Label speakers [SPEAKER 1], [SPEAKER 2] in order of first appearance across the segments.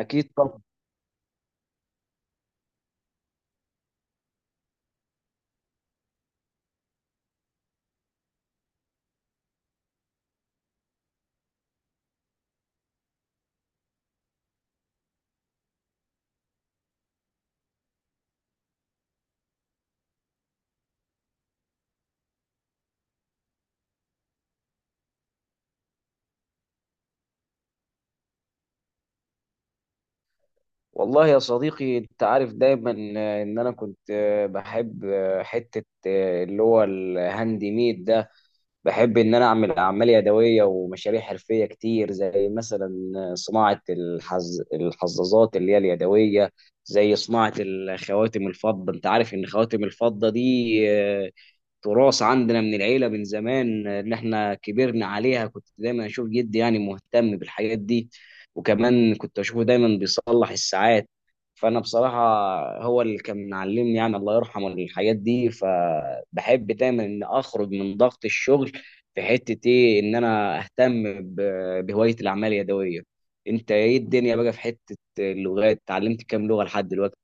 [SPEAKER 1] أكيد طبعا. والله يا صديقي، أنت عارف دايما إن أنا كنت بحب حتة اللي هو الهاند ميد ده. بحب إن أنا أعمل أعمال يدوية ومشاريع حرفية كتير، زي مثلا صناعة الحظاظات اللي هي اليدوية، زي صناعة الخواتم الفضة. أنت عارف إن خواتم الفضة دي تراث عندنا من العيله من زمان، اللي احنا كبرنا عليها. كنت دايما اشوف جدي يعني مهتم بالحاجات دي، وكمان كنت اشوفه دايما بيصلح الساعات. فانا بصراحه هو اللي كان معلمني يعني، الله يرحمه، الحاجات دي. فبحب دايما ان اخرج من ضغط الشغل في حته ايه، ان انا اهتم بهوايه الاعمال اليدويه. انت ايه الدنيا بقى في حته اللغات؟ اتعلمت كام لغه لحد دلوقتي؟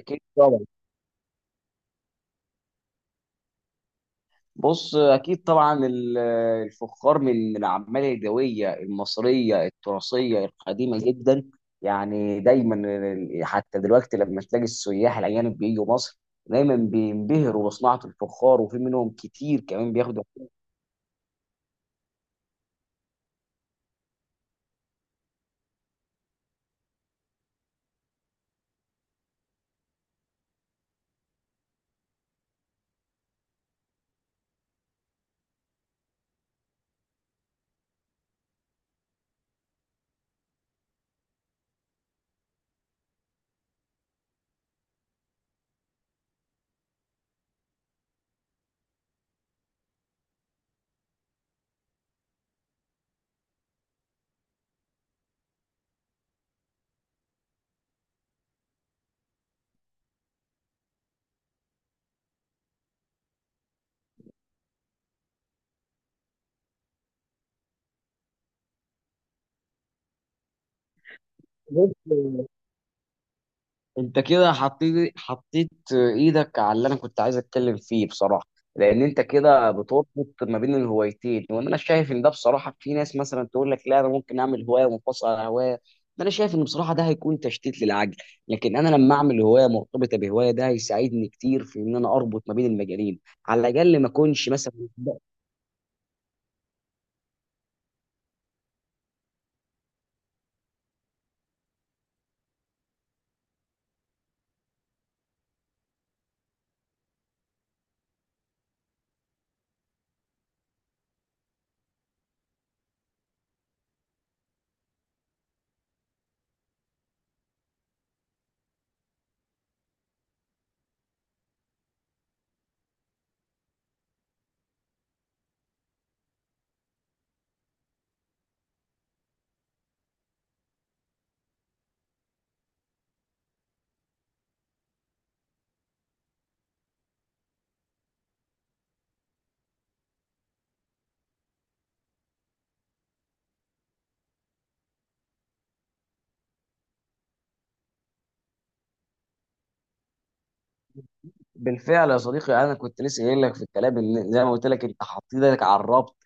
[SPEAKER 1] اكيد طبعا. بص، اكيد طبعا، الفخار من الاعمال اليدويه المصريه التراثيه القديمه جدا. يعني دايما حتى دلوقتي لما تلاقي السياح الاجانب بييجوا مصر، دايما بينبهروا بصناعه الفخار، وفي منهم كتير كمان بياخدوا. انت كده حطيت ايدك على اللي انا كنت عايز اتكلم فيه بصراحه، لان انت كده بتربط ما بين الهوايتين. وان انا شايف ان ده بصراحه، في ناس مثلا تقول لك لا، انا ممكن اعمل هوايه منفصله عن هوايه. ده انا شايف ان بصراحه ده هيكون تشتيت للعقل، لكن انا لما اعمل هوايه مرتبطه بهوايه ده هيساعدني كتير في ان انا اربط ما بين المجالين، على الاقل ما اكونش مثلا. بالفعل يا صديقي، انا كنت لسه قايل لك في الكلام، ان زي ما قلت لك، انت حطيت ايدك على الربط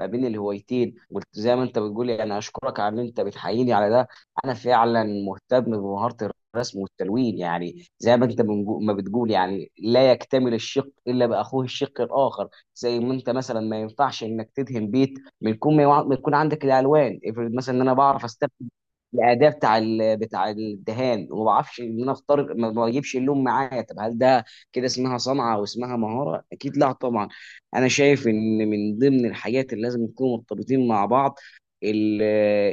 [SPEAKER 1] ما بين الهوايتين. وزي ما انت بتقول يعني، اشكرك على ان انت بتحييني على ده. انا فعلا مهتم بمهارة الرسم والتلوين. يعني زي ما انت ما بتقول، يعني لا يكتمل الشق الا باخوه الشق الاخر. زي ما انت مثلا ما ينفعش انك تدهن بيت من كون ما يكون عندك الالوان. افرض مثلا ان انا بعرف استخدم الاداء بتاع بتاع الدهان، وما بعرفش ان انا اختار، ما بجيبش اللون معايا. طب هل ده كده اسمها صنعه او اسمها مهاره؟ اكيد لا طبعا. انا شايف ان من ضمن الحاجات اللي لازم يكونوا مرتبطين مع بعض ال-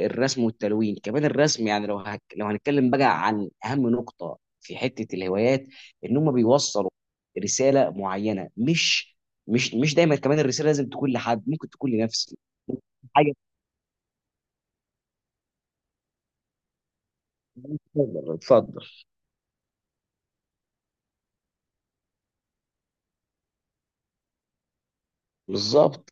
[SPEAKER 1] الرسم والتلوين. كمان الرسم، يعني لو لو هنتكلم بقى عن اهم نقطه في حته الهوايات، ان هم بيوصلوا رساله معينه. مش دايما كمان الرساله لازم تكون لحد، ممكن تكون لنفسي حاجه. اتفضل اتفضل. بالظبط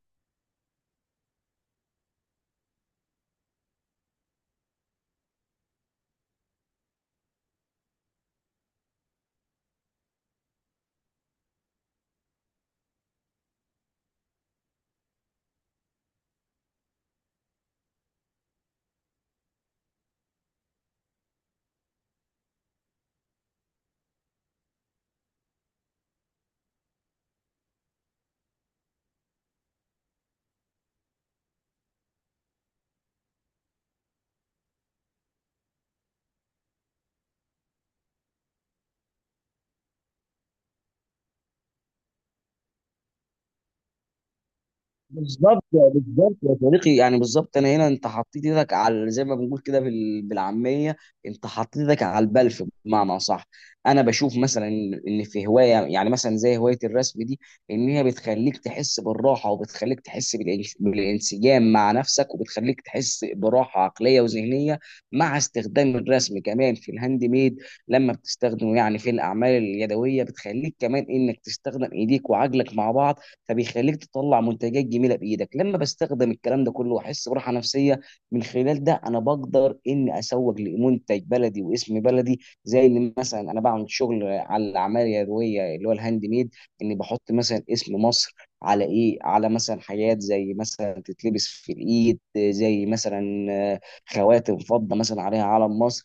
[SPEAKER 1] بالظبط بالظبط يا صديقي، يعني بالظبط. انا هنا انت حطيت ايدك على زي ما بنقول كده بالعاميه، انت حطيت ايدك على البلف بمعنى صح. انا بشوف مثلا ان إن في هوايه، يعني مثلا زي هوايه الرسم دي، ان هي بتخليك تحس بالراحه، وبتخليك تحس بالانسجام مع نفسك، وبتخليك تحس براحه عقليه وذهنيه. مع استخدام الرسم كمان في الهاند ميد، لما بتستخدمه يعني في الاعمال اليدويه، بتخليك كمان انك تستخدم ايديك وعجلك مع بعض، فبيخليك تطلع منتجات جميله بايدك. لما بستخدم الكلام ده كله واحس براحه نفسيه، من خلال ده انا بقدر اني اسوق لمنتج بلدي واسم بلدي. زي اللي مثلا انا بعمل شغل على الاعمال اليدويه اللي هو الهاند ميد، اني بحط مثلا اسم مصر على ايه، على مثلا حاجات زي مثلا تتلبس في الايد، زي مثلا خواتم فضه مثلا عليها علم مصر.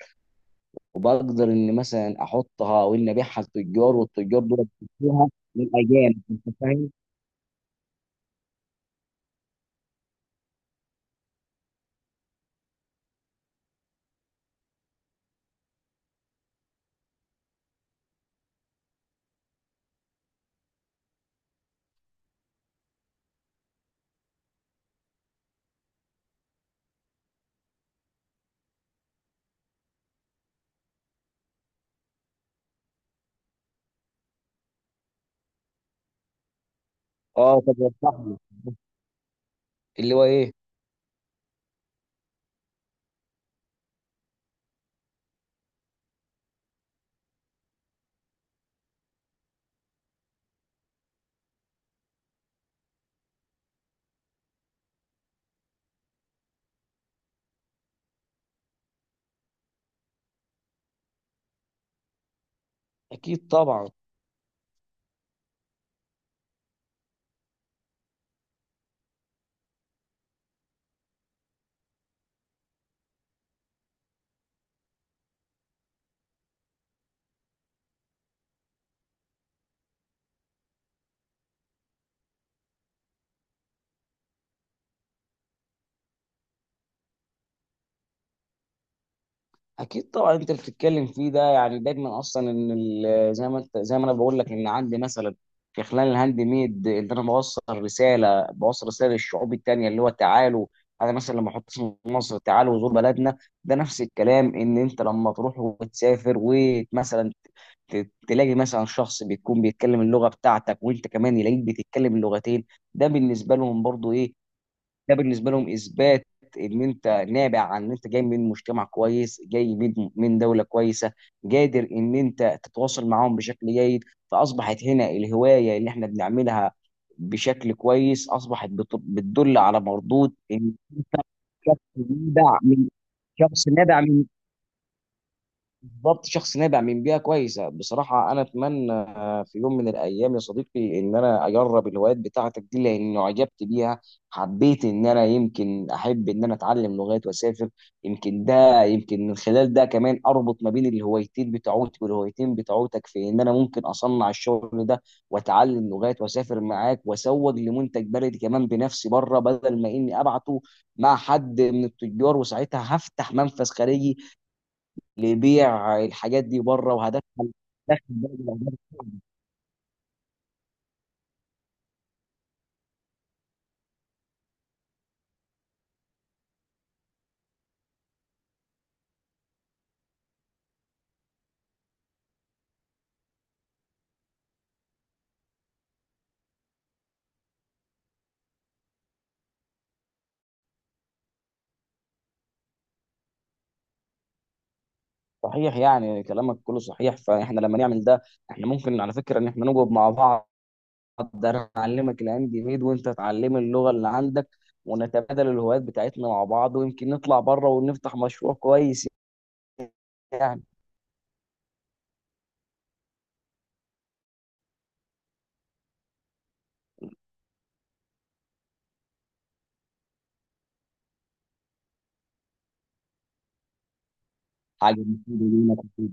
[SPEAKER 1] وبقدر ان مثلا احطها وان ابيعها للتجار، والتجار دول بيشتروها للاجانب. انت فاهم؟ اه طب يا صاحبي، اللي هو ايه، اكيد طبعا. اكيد طبعا انت بتتكلم فيه ده، يعني دايما اصلا ان زي ما انت، زي ما انا بقول لك ان عندي مثلا في خلال الهاند ميد ان انا بوصل رساله، بوصل رساله للشعوب التانيه اللي هو تعالوا. انا مثلا لما احط اسم مصر، تعالوا زور بلدنا. ده نفس الكلام ان انت لما تروح وتسافر ومثلا تلاقي مثلا شخص بيكون بيتكلم اللغه بتاعتك، وانت كمان يلاقيك بتتكلم اللغتين، ده بالنسبه لهم برضو ايه، ده بالنسبه لهم اثبات ان انت نابع عن ان انت جاي من مجتمع كويس، جاي من دوله كويسه، قادر ان انت تتواصل معاهم بشكل جيد. فاصبحت هنا الهوايه اللي احنا بنعملها بشكل كويس اصبحت بتدل على مردود ان شخص نابع من، شخص نابع من بالظبط، شخص نابع من بيئه كويسه. بصراحه انا اتمنى في يوم من الايام يا صديقي، ان انا اجرب الهوايات بتاعتك دي لاني اعجبت بيها. حبيت ان انا يمكن احب ان انا اتعلم لغات واسافر. يمكن ده يمكن من خلال ده كمان اربط ما بين الهوايتين بتوعتي والهوايتين بتوعتك، في ان انا ممكن اصنع الشغل ده واتعلم لغات واسافر معاك واسوق لمنتج بلدي كمان بنفسي بره، بدل ما اني ابعته مع حد من التجار. وساعتها هفتح منفذ خارجي اللي يبيع الحاجات دي بره، وهدخل دخل بلد. صحيح، يعني كلامك كله صحيح. فاحنا لما نعمل ده، احنا ممكن على فكره ان احنا نقعد مع بعض، ده انا اعلمك الهاند ميد وانت تعلم اللغه اللي عندك، ونتبادل الهوايات بتاعتنا مع بعض، ويمكن نطلع بره ونفتح مشروع كويس، يعني حاجه مفيده لينا.